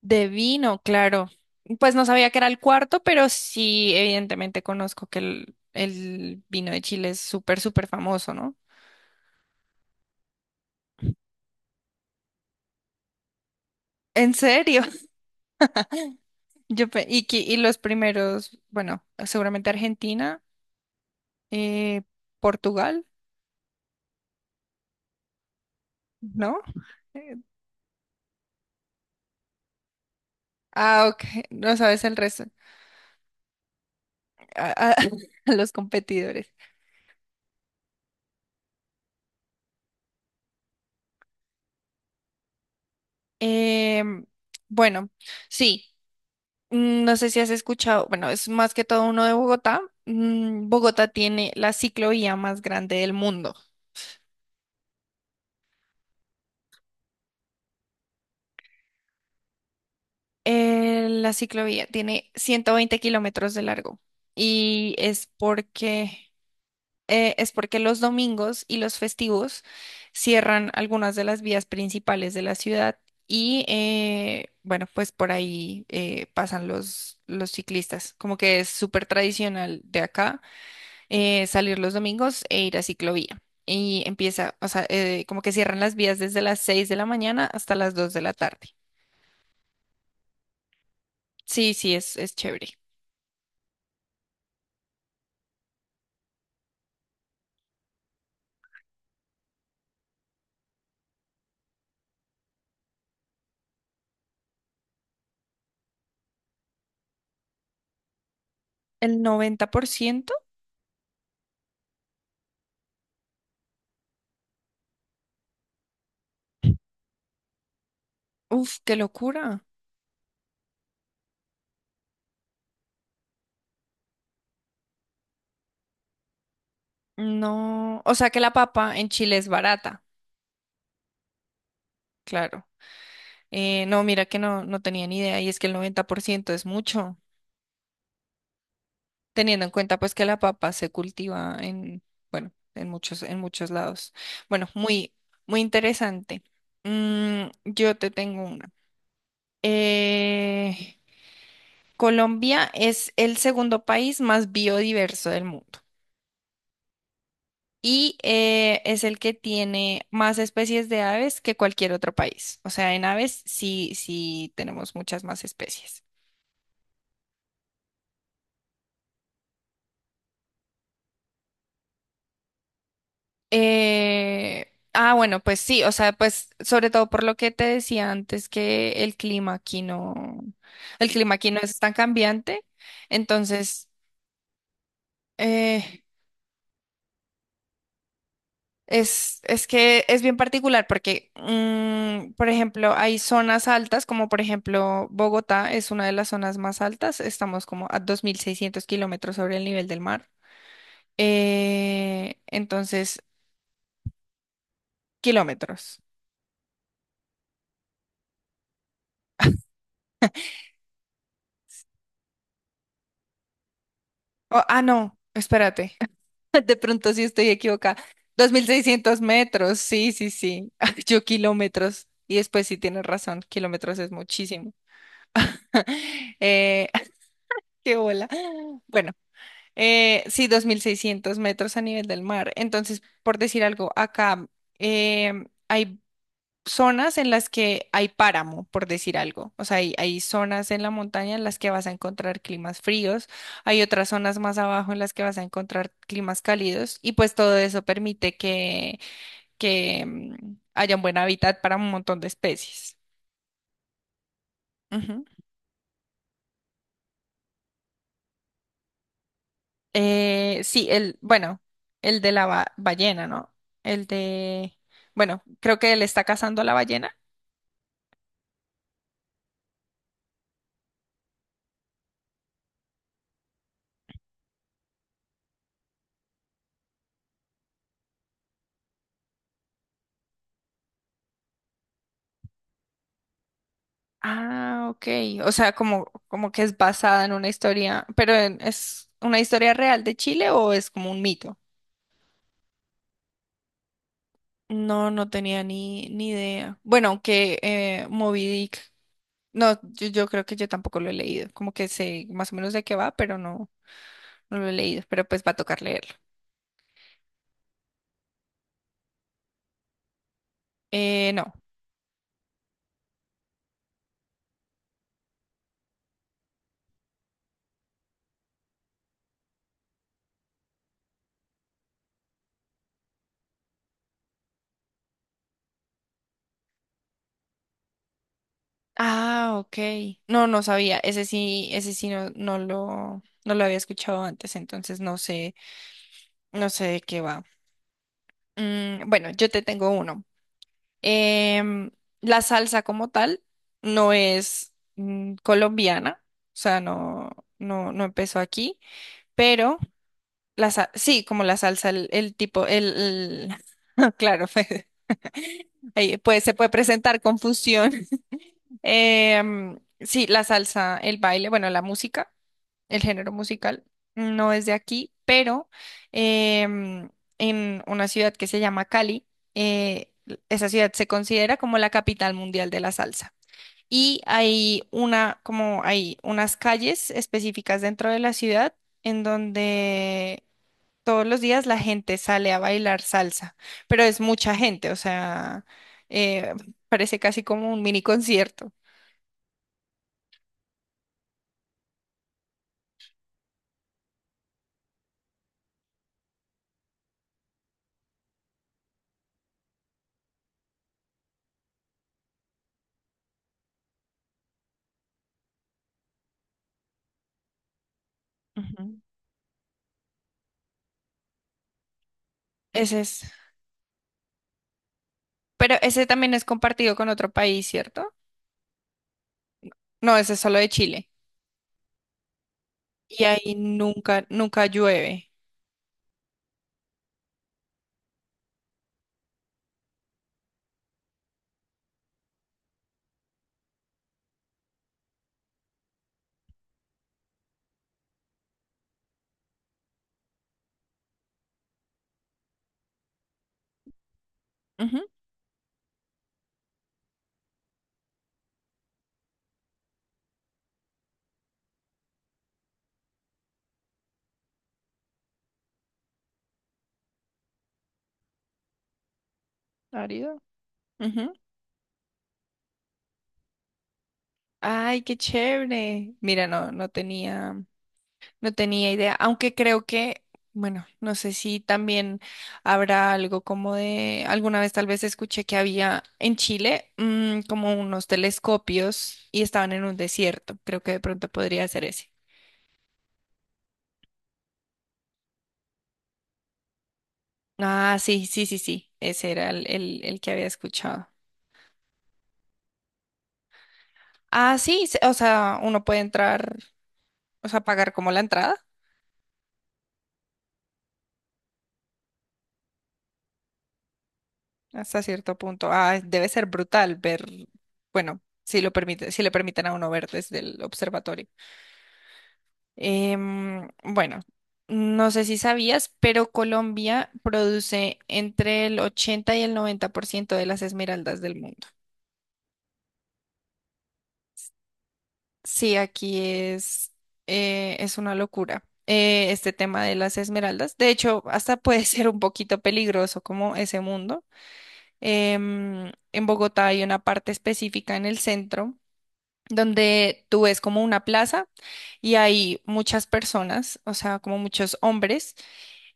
De vino, claro. Pues no sabía que era el cuarto, pero sí, evidentemente conozco que el vino de Chile es súper, súper famoso, ¿no? ¿En serio? yo pe- y, que- y los primeros, bueno, seguramente Argentina, eh, Portugal, ¿no? Eh, ok, no sabes el resto, a, a- a los competidores. Em, bueno, sí. No sé si has escuchado, bueno, es más que todo uno de Bogotá. Bogotá tiene la ciclovía más grande del mundo. La ciclovía tiene 120 kilómetros de largo y es porque los domingos y los festivos cierran algunas de las vías principales de la ciudad y, bueno, pues por ahí pasan los ciclistas. Como que es súper tradicional de acá salir los domingos e ir a ciclovía. Y empieza, o sea, como que cierran las vías desde las 6 de la mañana hasta las 2 de la tarde. Sí, sí, es chévere. El 90%. Uf, qué locura. No, o sea que la papa en Chile es barata, claro. No, mira que no tenía ni idea y es que el 90% es mucho, teniendo en cuenta pues que la papa se cultiva en, bueno, en muchos lados. Bueno, muy, muy interesante. Yo te tengo una. Eh, Colombia es el segundo país más biodiverso del mundo y es el que tiene más especies de aves que cualquier otro país. O sea, en aves sí, sí tenemos muchas más especies. Bueno, pues sí, o sea, pues sobre todo por lo que te decía antes que el clima aquí no es tan cambiante, entonces... eh, es que es bien particular porque, por ejemplo, hay zonas altas, como por ejemplo Bogotá es una de las zonas más altas, estamos como a 2.600 kilómetros sobre el nivel del mar. Entonces, kilómetros. Oh, no, espérate, de pronto sí estoy equivocada. 2.600 metros, sí, sí, sí, yo kilómetros. Y después sí tienes razón, kilómetros es muchísimo. Eh, Qué bola. Bueno. Sí, 2.600 metros a nivel del mar. Entonces, por decir algo, acá hay zonas en las que hay páramo, por decir algo. O sea, hay zonas en la montaña en las que vas a encontrar climas fríos, hay otras zonas más abajo en las que vas a encontrar climas cálidos y pues todo eso permite que haya un buen hábitat para un montón de especies. Sí, el, bueno, el de la ballena, ¿no? El de, bueno, creo que él está cazando a la ballena. Ah, ok. O sea, como que es basada en una historia, pero ¿es una historia real de Chile o es como un mito? No, no tenía ni idea. Bueno, aunque Moby Dick, no, yo creo que yo tampoco lo he leído. Como que sé más o menos de qué va, pero no lo he leído. Pero pues va a tocar leerlo. No. Ah, ok. No, no sabía. Ese sí no lo había escuchado antes, entonces no sé, no sé de qué va. Bueno, yo te tengo uno. Em, la salsa como tal no es colombiana, o sea, no, no, no empezó aquí, pero sí, como la salsa, el tipo, claro, ahí pues se puede presentar confusión. Sí, la salsa, el baile, bueno, la música. El género musical no es de aquí, pero em, en una ciudad que se llama Cali, eh, esa ciudad se considera como la capital mundial de la salsa. Y hay como hay unas calles específicas dentro de la ciudad en donde todos los días la gente sale a bailar salsa, pero es mucha gente, o sea, eh, parece casi como un mini concierto. Ujú. Ese es, pero ese también es compartido con otro país, ¿cierto? No, ese es solo de Chile. Y ahí nunca, nunca llueve. Ujú, árido. Ujú. Ay, qué chévere. Mira, no, no tenía idea. Aunque creo que, bueno, no sé si también habrá algo alguna vez tal vez escuché que había en Chile como unos telescopios y estaban en un desierto. Creo que de pronto podría ser ese. Ah, sí, sí, sí, sí. Ese era el que había escuchado. Ah, sí, o sea, uno puede entrar. O sea, pagar como la entrada hasta cierto punto. Ah, debe ser brutal ver, bueno, si le permiten a uno ver desde el observatorio. Bueno, no sé si sabías, pero Colombia produce entre el 80 y el 90% de las esmeraldas del mundo. Sí, aquí es una locura. Este tema de las esmeraldas. De hecho, hasta puede ser un poquito peligroso como ese mundo. En Bogotá hay una parte específica en el centro donde tú ves como una plaza y hay muchas personas, o sea, como muchos hombres,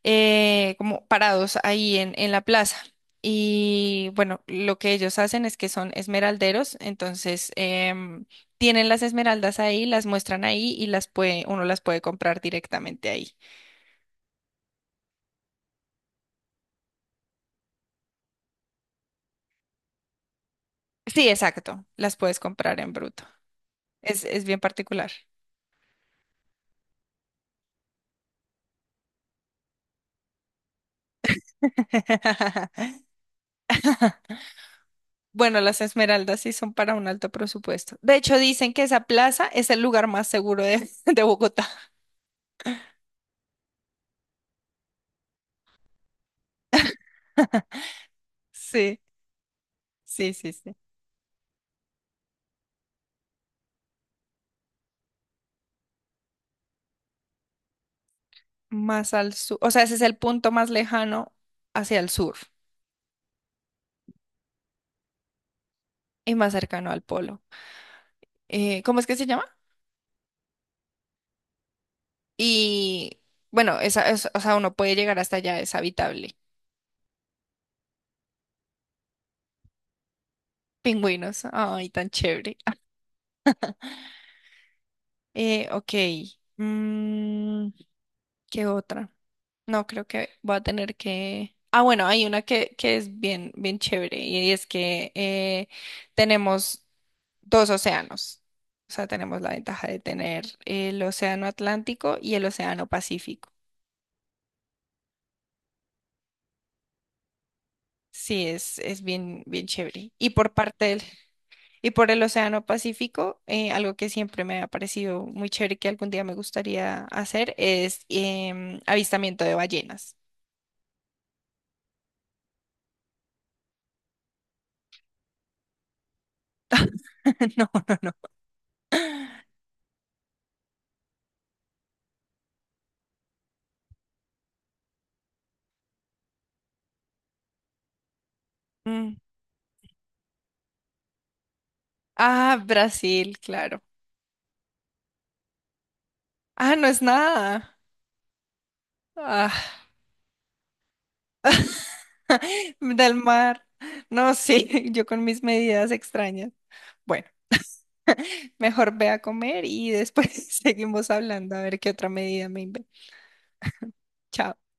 como parados ahí en la plaza. Y bueno, lo que ellos hacen es que son esmeralderos, entonces tienen las esmeraldas ahí, las muestran ahí y uno las puede comprar directamente ahí. Sí, exacto, las puedes comprar en bruto. Es bien particular. Bueno, las esmeraldas sí son para un alto presupuesto. De hecho, dicen que esa plaza es el lugar más seguro de, de Bogotá. Sí, sí, sí, sí. Más al sur. O sea, ese es el punto más lejano hacia el sur y más cercano al polo. ¿Cómo es que se llama? Y bueno, o sea, uno puede llegar hasta allá, es habitable. Pingüinos. Ay, tan chévere. Ah. Ok. Mm, ¿Qué otra? No, creo que voy a tener que... Ah, bueno, hay una que es bien, bien chévere y es que tenemos dos océanos. O sea, tenemos la ventaja de tener el océano Atlántico y el océano Pacífico. Sí, es bien, bien chévere. Y por el océano Pacífico, algo que siempre me ha parecido muy chévere que algún día me gustaría hacer es avistamiento de ballenas. No. Mm. Ah, Brasil, claro. Ah, no es nada. Ah, del mar. No, sí, yo con mis medidas extrañas. Bueno, mejor ve a comer y después seguimos hablando a ver qué otra medida me invento. Chao.